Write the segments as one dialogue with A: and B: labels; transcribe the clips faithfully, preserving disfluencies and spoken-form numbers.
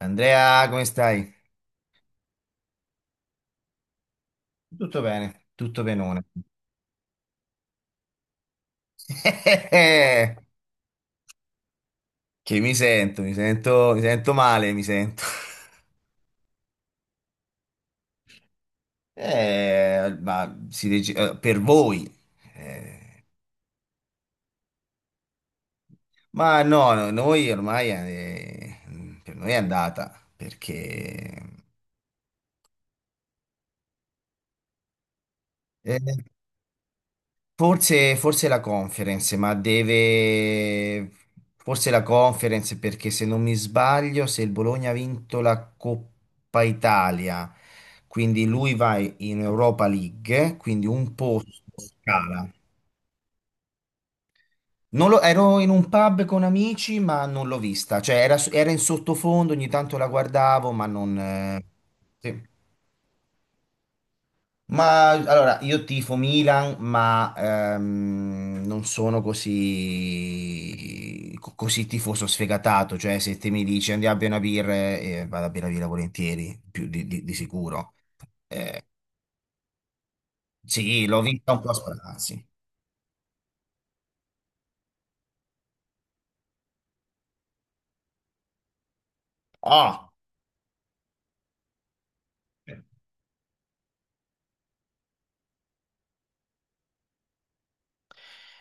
A: Andrea, come stai? Tutto bene, tutto benone. Che mi sento, mi sento, mi sento male, mi sento. Eh, ma si dec- eh, per voi. Eh, ma no, no, noi ormai eh, per noi è andata perché eh, Forse, forse la conference, ma deve. Forse la conference perché se non mi sbaglio, se il Bologna ha vinto la Coppa Italia, quindi lui va in Europa League, quindi un posto scala. Non lo- Ero in un pub con amici, ma non l'ho vista, cioè era, era in sottofondo, ogni tanto la guardavo, ma non, eh, sì. Ma allora, io tifo Milan, ma ehm, non sono così, co- così tifoso sfegatato, cioè se te mi dici andiamo a bere una birra, eh, vado a bere una birra volentieri, più di, di- di sicuro. Sì, l'ho vista un po' a sprazzi. Ah!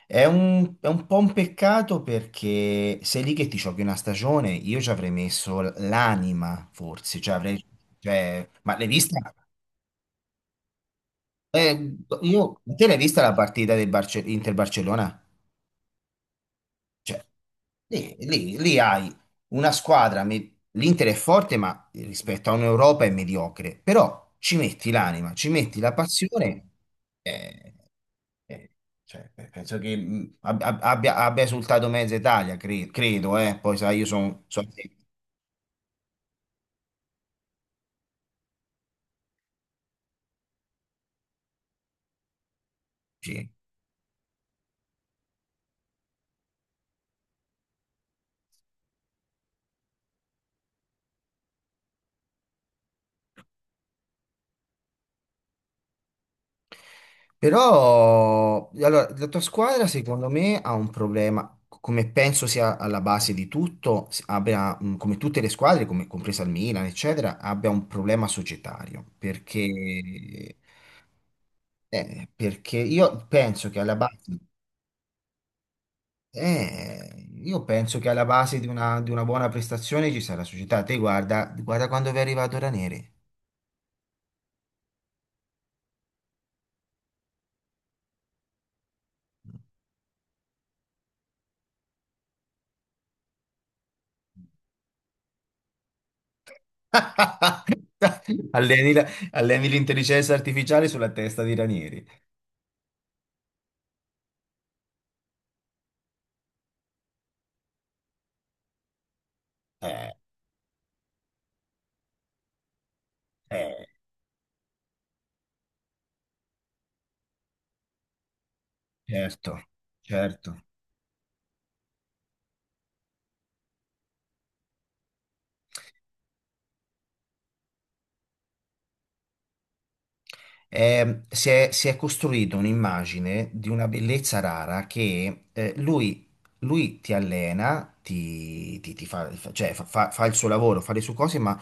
A: È un, è un po' un peccato perché sei lì che ti giochi una stagione, io ci avrei messo l'anima, forse, cioè avrei, cioè, ma l'hai vista? Eh, io- te l'hai vista la partita del Barce- Inter-Barcellona? Cioè, lì, lì- lì hai una squadra, me- l'Inter è forte, ma rispetto a un'Europa è mediocre, però ci metti l'anima, ci metti la passione, eh, eh, cioè, pe- penso che mh, ab- ab- abbia, abbia esultato mezza Italia, cre- credo, eh, poi sai, io sono. Però, allora, la tua squadra secondo me ha un problema, come penso sia alla base di tutto, s- abbia, mh, come tutte le squadre, come compresa il Milan, eccetera, abbia un problema societario, perché, eh, perché io penso che alla base, eh, io penso che alla base di una, di una buona prestazione ci sarà la società. Te guarda, guarda quando vi è arrivato Ranere. Alleni la- alleni l'intelligenza artificiale sulla testa di Ranieri. Eh, Eh, certo, certo. Eh, si è, si è costruito un'immagine di una bellezza rara che eh, lui, lui ti allena, ti, ti- ti fa, cioè, fa, fa- fa il suo lavoro, fa le sue cose, ma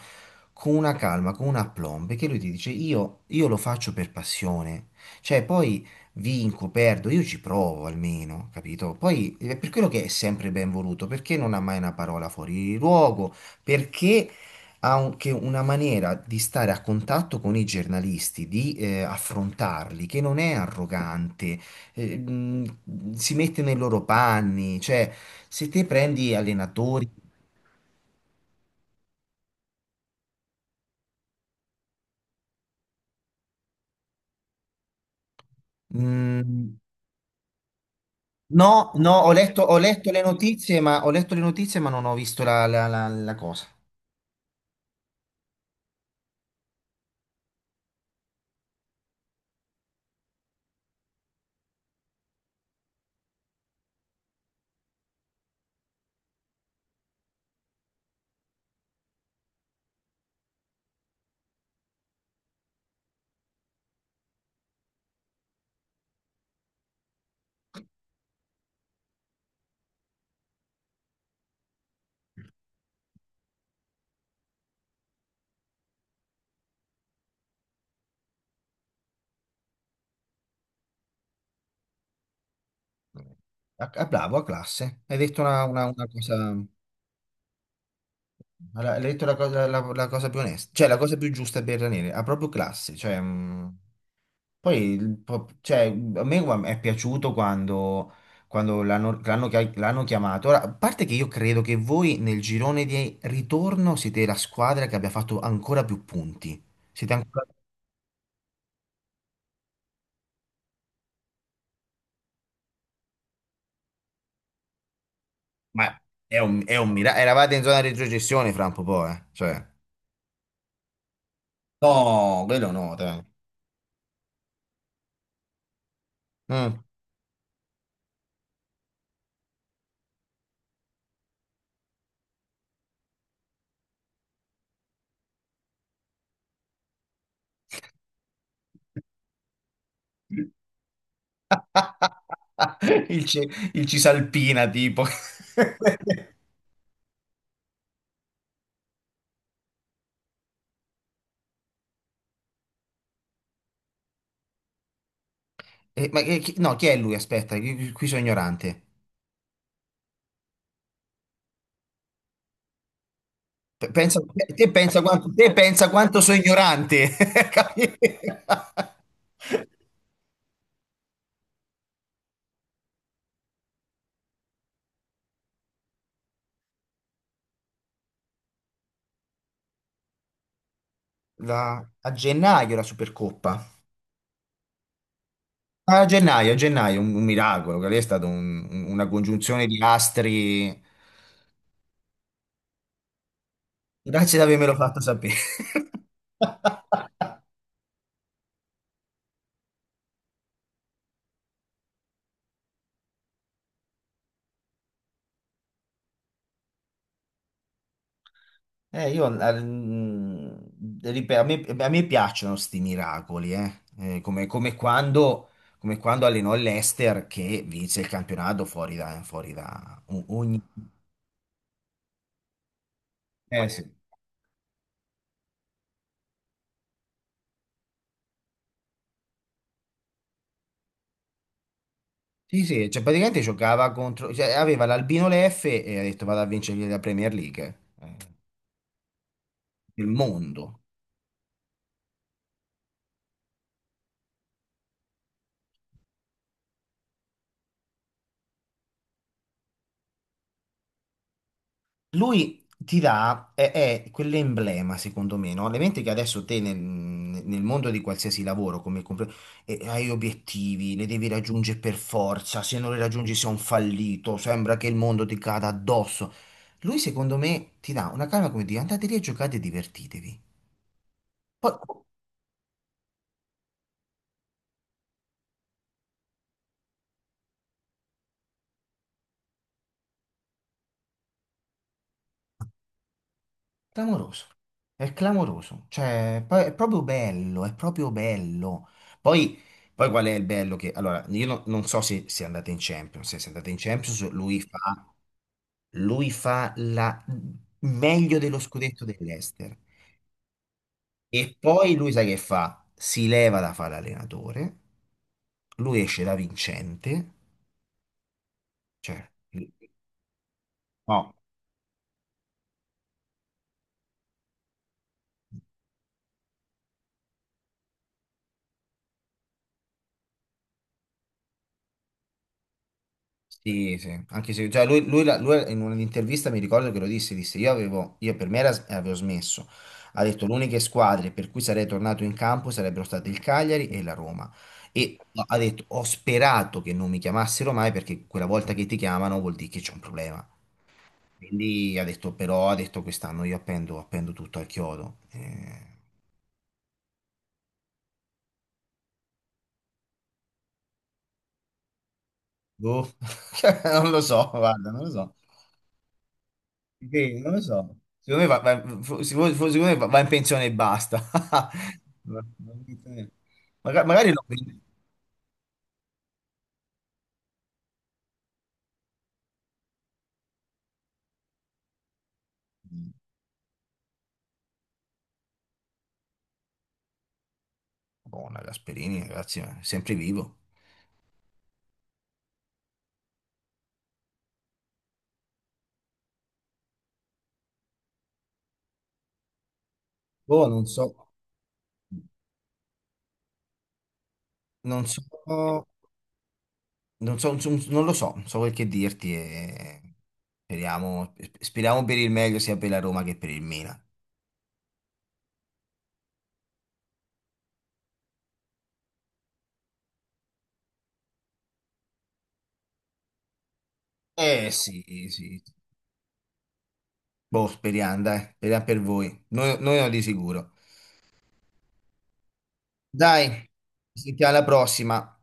A: con una calma, con un aplomb, che lui ti dice io, io lo faccio per passione, cioè poi vinco, perdo, io ci provo almeno, capito? Poi è per quello che è sempre ben voluto, perché non ha mai una parola fuori luogo, perché ha anche una maniera di stare a contatto con i giornalisti, di eh, affrontarli, che non è arrogante, eh, mh, si mette nei loro panni, cioè se te prendi allenatori. Mh, no, no, ho letto, ho letto le notizie, ma ho letto le notizie, ma non ho visto la, la- la- la cosa. A, a bravo, a classe. Hai detto una, una- una cosa. Hai detto la cosa, la, la cosa più onesta, cioè la cosa più giusta per Ranieri, ha proprio classe, cioè... mh. Poi, il pro- cioè, a me guarda, è piaciuto quando, quando, l'hanno l'hanno chia- l'hanno chiamato. Ora, a parte che io credo che voi nel girone di ritorno siete la squadra che abbia fatto ancora più punti. Siete ancora. Ma è un, è un miracolo. Eravate in zona di retrocessione fra un po', poi, eh. Cioè. No, quello no, dai. Mm. Il, ci- il Cisalpina, tipo. Eh, ma che- chi- no, chi è lui? Aspetta, qui qui sono ignorante. Pe- Pensa, te pensa quanto, te pensa quanto sono ignorante. Capi? La- a gennaio la Supercoppa. A gennaio, a gennaio, un, un miracolo. Quello lì è stata un- un- una congiunzione di astri. Grazie di avermelo fatto sapere. Eh, io, eh, mm, ripeto, a me, a me piacciono sti miracoli, eh. Eh, come, come quando, come quando allenò l'Ester che vinse il campionato fuori da, fuori da o- ogni. Eh, sì. Sì, sì, cioè praticamente giocava contro, cioè aveva l'Albino Leffe e ha detto vado a vincere la Premier League eh, del mondo. Lui ti dà, è, è quell'emblema secondo me, no? L'evento che adesso te nel, nel mondo di qualsiasi lavoro, come compre- eh, hai obiettivi, li devi raggiungere per forza, se non li raggiungi sei un fallito, sembra che il mondo ti cada addosso. Lui secondo me ti dà una calma come dire andate lì a giocate e divertitevi. Poi clamoroso, è clamoroso, cioè poi è proprio bello, è proprio bello. Poi, poi qual è il bello che, allora, io no- non so se, se, andate in Champions, se andate in Champions lui fa, lui fa la, meglio dello scudetto dell'Ester e poi lui sai che fa? Si leva da fare l'allenatore, lui esce da vincente, cioè, no. Sì, sì, anche se cioè lui, lui la- lui in un'intervista mi ricordo che lo disse, disse io avevo, io per me era- avevo smesso, ha detto le uniche squadre per cui sarei tornato in campo sarebbero state il Cagliari e la Roma e ha detto ho sperato che non mi chiamassero mai perché quella volta che ti chiamano vuol dire che c'è un problema, quindi ha detto però ha detto quest'anno io appendo, appendo tutto al chiodo. Eh, boh, non lo so, guarda, non lo so. Sì, non lo so. Secondo me va, va- fo- secondo- fo- secondo me va- va in pensione e basta. Va- va in pensione. Maga- Magari lo prende. Buona Gasperini, ragazzi, è sempre vivo. Boh, non so, non so, non so, non so- non lo so, non so quel che dirti. E. Speriamo, speriamo per il meglio sia per la Roma che per il Milan. Eh sì, sì. Boh, speriamo, dai, speriamo per voi. Noi, noi no di sicuro. Dai, ci sentiamo alla prossima.